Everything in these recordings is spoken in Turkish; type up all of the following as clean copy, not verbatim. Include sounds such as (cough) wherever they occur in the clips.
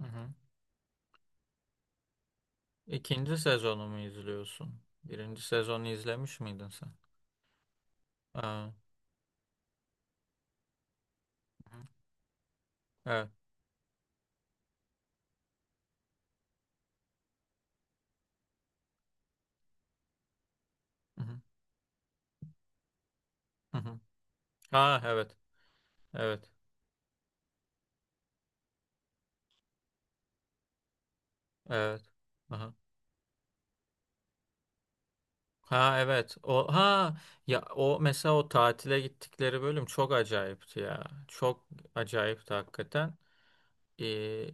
Hı hı. İkinci sezonu mu izliyorsun? Birinci sezonu izlemiş miydin sen? Aa, hı hı. Evet. Hı hı. Hı hı. Ha evet. Evet. Evet. Aha. Ha evet. O ha Ya o mesela o tatile gittikleri bölüm çok acayipti ya. Çok acayipti hakikaten. Ee,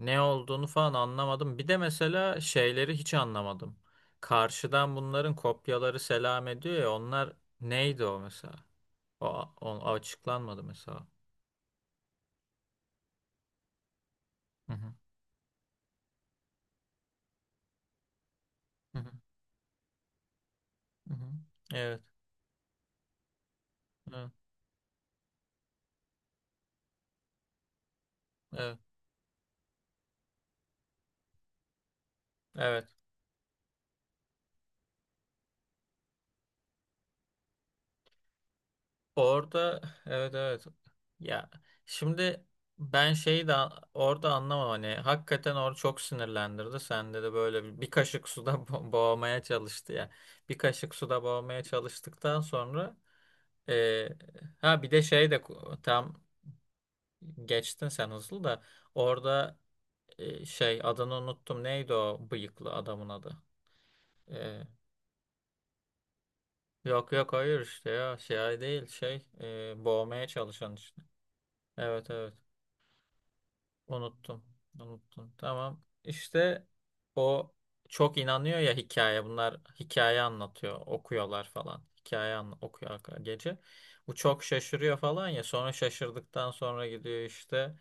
Ne olduğunu falan anlamadım. Bir de mesela şeyleri hiç anlamadım. Karşıdan bunların kopyaları selam ediyor ya onlar neydi o mesela? O açıklanmadı mesela. Hı hı. Hı hı. Hı hı. Evet. Evet. Evet. Evet. Orada evet evet. Ya şimdi ben şeyi de orada anlamam hani hakikaten orada çok sinirlendirdi. Sende de böyle bir kaşık suda boğmaya çalıştı ya. Bir kaşık suda boğmaya çalıştıktan sonra e, ha bir de şey de tam geçtin sen hızlı da orada şey adını unuttum. Neydi o bıyıklı adamın adı? E, Yok yok hayır işte ya şey değil şey boğmaya çalışan işte. Evet evet unuttum unuttum tamam işte o çok inanıyor ya hikaye bunlar hikaye anlatıyor okuyorlar falan hikaye okuyor gece bu çok şaşırıyor falan ya sonra şaşırdıktan sonra gidiyor işte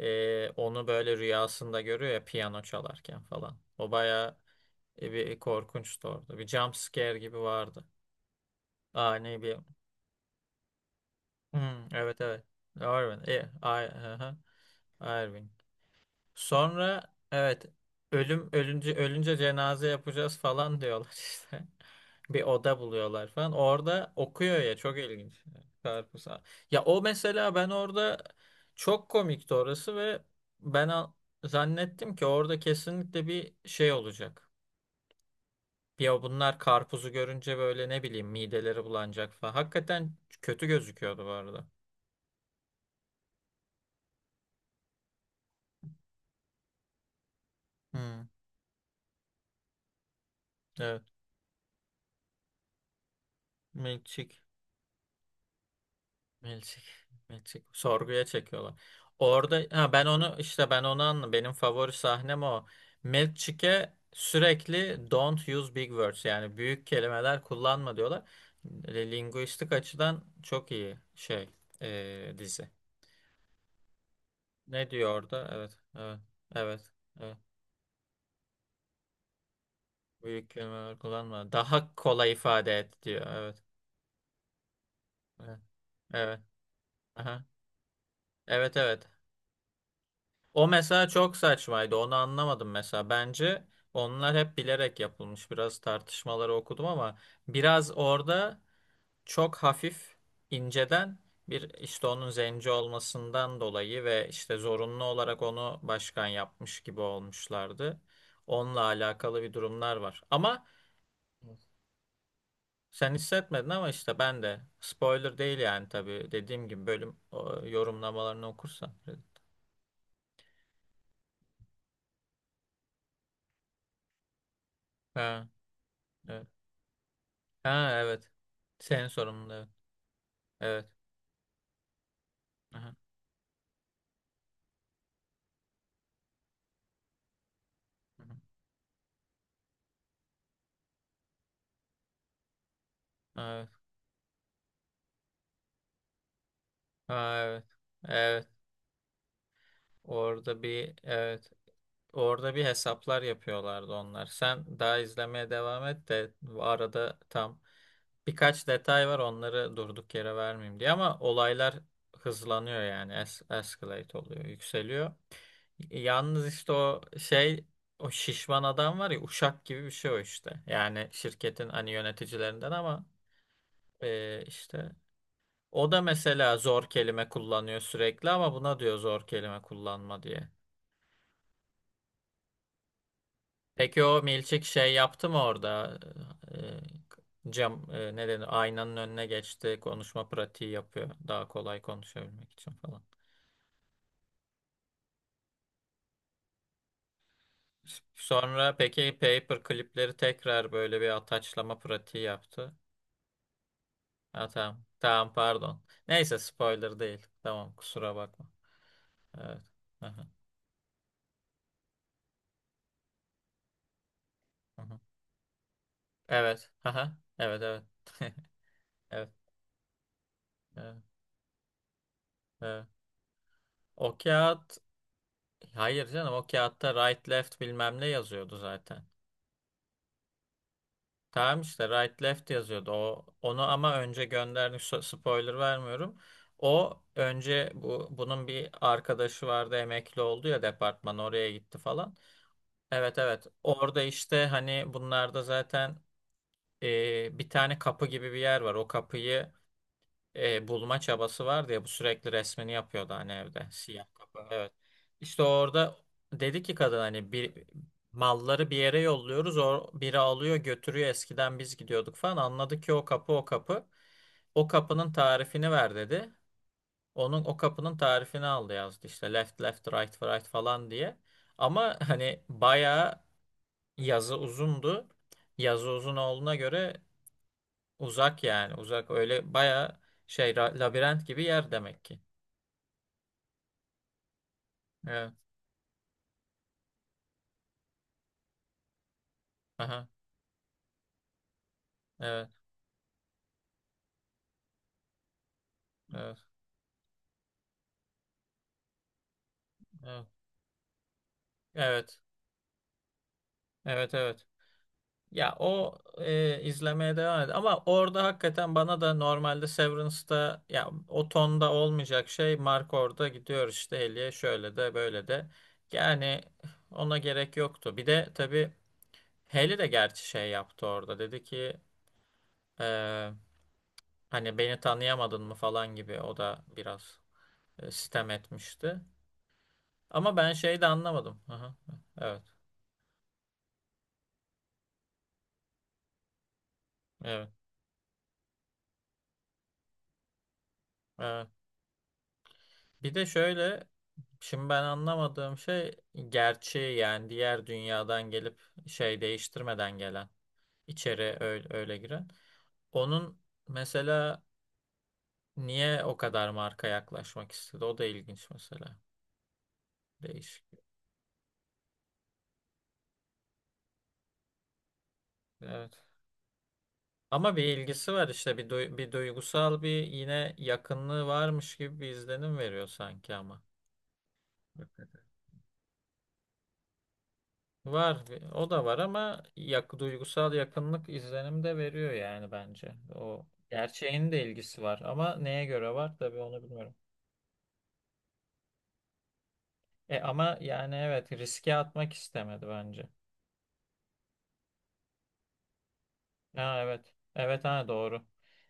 onu böyle rüyasında görüyor ya piyano çalarken falan o bayağı bir korkunçtu orada bir jump scare gibi vardı ani bir. Hmm, evet evet. Irwin. I, hı hı. Irving. Sonra evet ölünce ölünce cenaze yapacağız falan diyorlar (laughs) işte. Bir oda buluyorlar falan. Orada okuyor ya çok ilginç. Karpuz. Ya o mesela ben orada çok komikti orası ve ben zannettim ki orada kesinlikle bir şey olacak. Ya bunlar karpuzu görünce böyle ne bileyim mideleri bulanacak falan. Hakikaten kötü gözüküyordu bu arada. Hmm, evet. Milçik, milçik, milçik. Sorguya çekiyorlar. Orada ha ben onu işte ben onu anladım. Benim favori sahnem o. Milçik'e sürekli don't use big words, yani büyük kelimeler kullanma diyorlar. Linguistik açıdan çok iyi şey, dizi. Ne diyor orada? Evet, evet, evet, evet. Büyük kelimeler kullanma. Daha kolay ifade et diyor. Evet, evet, evet. Aha. Evet, evet. O mesela çok saçmaydı. Onu anlamadım mesela. Bence onlar hep bilerek yapılmış. Biraz tartışmaları okudum ama biraz orada çok hafif inceden bir işte onun zenci olmasından dolayı ve işte zorunlu olarak onu başkan yapmış gibi olmuşlardı. Onunla alakalı bir durumlar var. Ama sen hissetmedin ama işte ben de spoiler değil yani tabii dediğim gibi bölüm o, yorumlamalarını okursan. Ha, evet. Ha evet. Senin sorunun evet. Evet. Aha, aha. Evet. Ha, evet. Evet. Orada bir evet. Orada bir hesaplar yapıyorlardı onlar. Sen daha izlemeye devam et de bu arada tam birkaç detay var onları durduk yere vermeyeyim diye ama olaylar hızlanıyor, yani escalate oluyor, yükseliyor. Yalnız işte o şey o şişman adam var ya uşak gibi bir şey o işte. Yani şirketin hani yöneticilerinden ama işte o da mesela zor kelime kullanıyor sürekli ama buna diyor zor kelime kullanma diye. Peki o Milçik şey yaptı mı orada? Ee, cam, ne denir? Aynanın önüne geçti. Konuşma pratiği yapıyor. Daha kolay konuşabilmek için falan. Sonra peki paper klipleri tekrar böyle bir ataçlama pratiği yaptı. Ha, tamam. Tamam pardon. Neyse spoiler değil. Tamam kusura bakma. Evet. Aha, aha. Evet. Aha. Evet evet. (laughs) Evet. Evet. Evet. O kağıt, hayır canım, o kağıtta right left bilmem ne yazıyordu zaten. Tamam işte right left yazıyordu. O onu ama önce gönderdik. Spoiler vermiyorum. O önce bunun bir arkadaşı vardı emekli oldu ya, departman oraya gitti falan. Evet evet. Orada işte hani bunlarda zaten bir tane kapı gibi bir yer var. O kapıyı bulma çabası vardı ya, bu sürekli resmini yapıyordu hani evde, siyah kapağı, evet. İşte orada dedi ki kadın hani bir malları bir yere yolluyoruz o biri alıyor götürüyor eskiden biz gidiyorduk falan, anladık ki o kapı o kapının tarifini ver dedi. Onun o kapının tarifini aldı, yazdı işte left left right right falan diye. Ama hani bayağı yazı uzundu. Yazı uzun olduğuna göre uzak, yani uzak öyle baya şey labirent gibi yer demek ki. Evet. Aha. Evet. Evet. Evet. Evet. Evet. Evet. Ya o izlemeye devam ed. Ama orada hakikaten bana da normalde Severance'da ya o tonda olmayacak şey, Mark orada gidiyor işte Haley'e şöyle de böyle de. Yani ona gerek yoktu. Bir de tabii Haley de gerçi şey yaptı orada. Dedi ki e, hani beni tanıyamadın mı falan gibi. O da biraz sitem etmişti. Ama ben şeyi de anlamadım. Aha, evet, evet, evet. Bir de şöyle, şimdi ben anlamadığım şey gerçeği, yani diğer dünyadan gelip şey değiştirmeden gelen, içeri öyle giren. Onun mesela niye o kadar marka yaklaşmak istedi? O da ilginç mesela. Değişik. Evet. Ama bir ilgisi var işte, bir duygusal bir yine yakınlığı varmış gibi bir izlenim veriyor sanki ama. Var. O da var ama duygusal yakınlık izlenim de veriyor yani bence. O gerçeğin de ilgisi var ama neye göre var tabii onu bilmiyorum. Ama yani evet, riske atmak istemedi bence. Ha evet. Evet, ha doğru.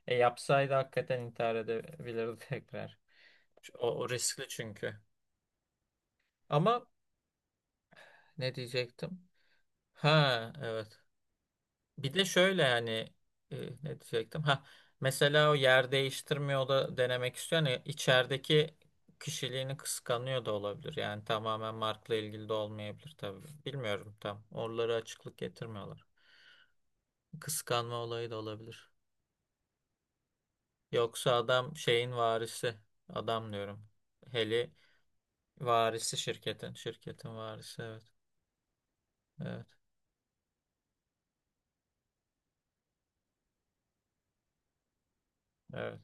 Yapsaydı hakikaten intihar edebilirdi (laughs) tekrar. O riskli çünkü. Ama ne diyecektim? Ha evet. Bir de şöyle, yani e, ne diyecektim? Ha, mesela o yer değiştirmiyor da denemek istiyor. Yani içerideki kişiliğini kıskanıyor da olabilir. Yani tamamen markla ilgili de olmayabilir tabii. Bilmiyorum tam. Oraları açıklık getirmiyorlar. Kıskanma olayı da olabilir. Yoksa adam şeyin varisi. Adam diyorum. Heli varisi şirketin. Şirketin varisi, evet. Evet. Evet.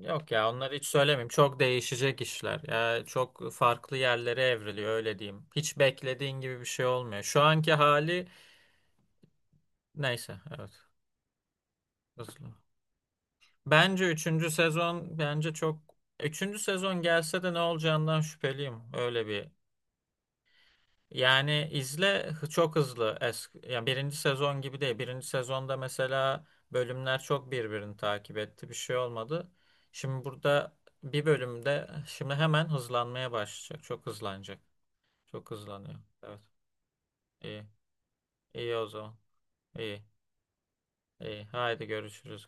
Yok ya, onları hiç söylemeyeyim. Çok değişecek işler. Ya çok farklı yerlere evriliyor, öyle diyeyim. Hiç beklediğin gibi bir şey olmuyor. Şu anki hali neyse, evet. Hızlı. Bence üçüncü sezon, bence çok üçüncü sezon gelse de ne olacağından şüpheliyim. Öyle bir. Yani izle, çok hızlı. Eski, yani birinci sezon gibi değil. Birinci sezonda mesela bölümler çok birbirini takip etti. Bir şey olmadı. Şimdi burada bir bölümde şimdi hemen hızlanmaya başlayacak. Çok hızlanacak. Çok hızlanıyor. Evet. İyi. İyi o zaman. İyi. İyi. Haydi görüşürüz.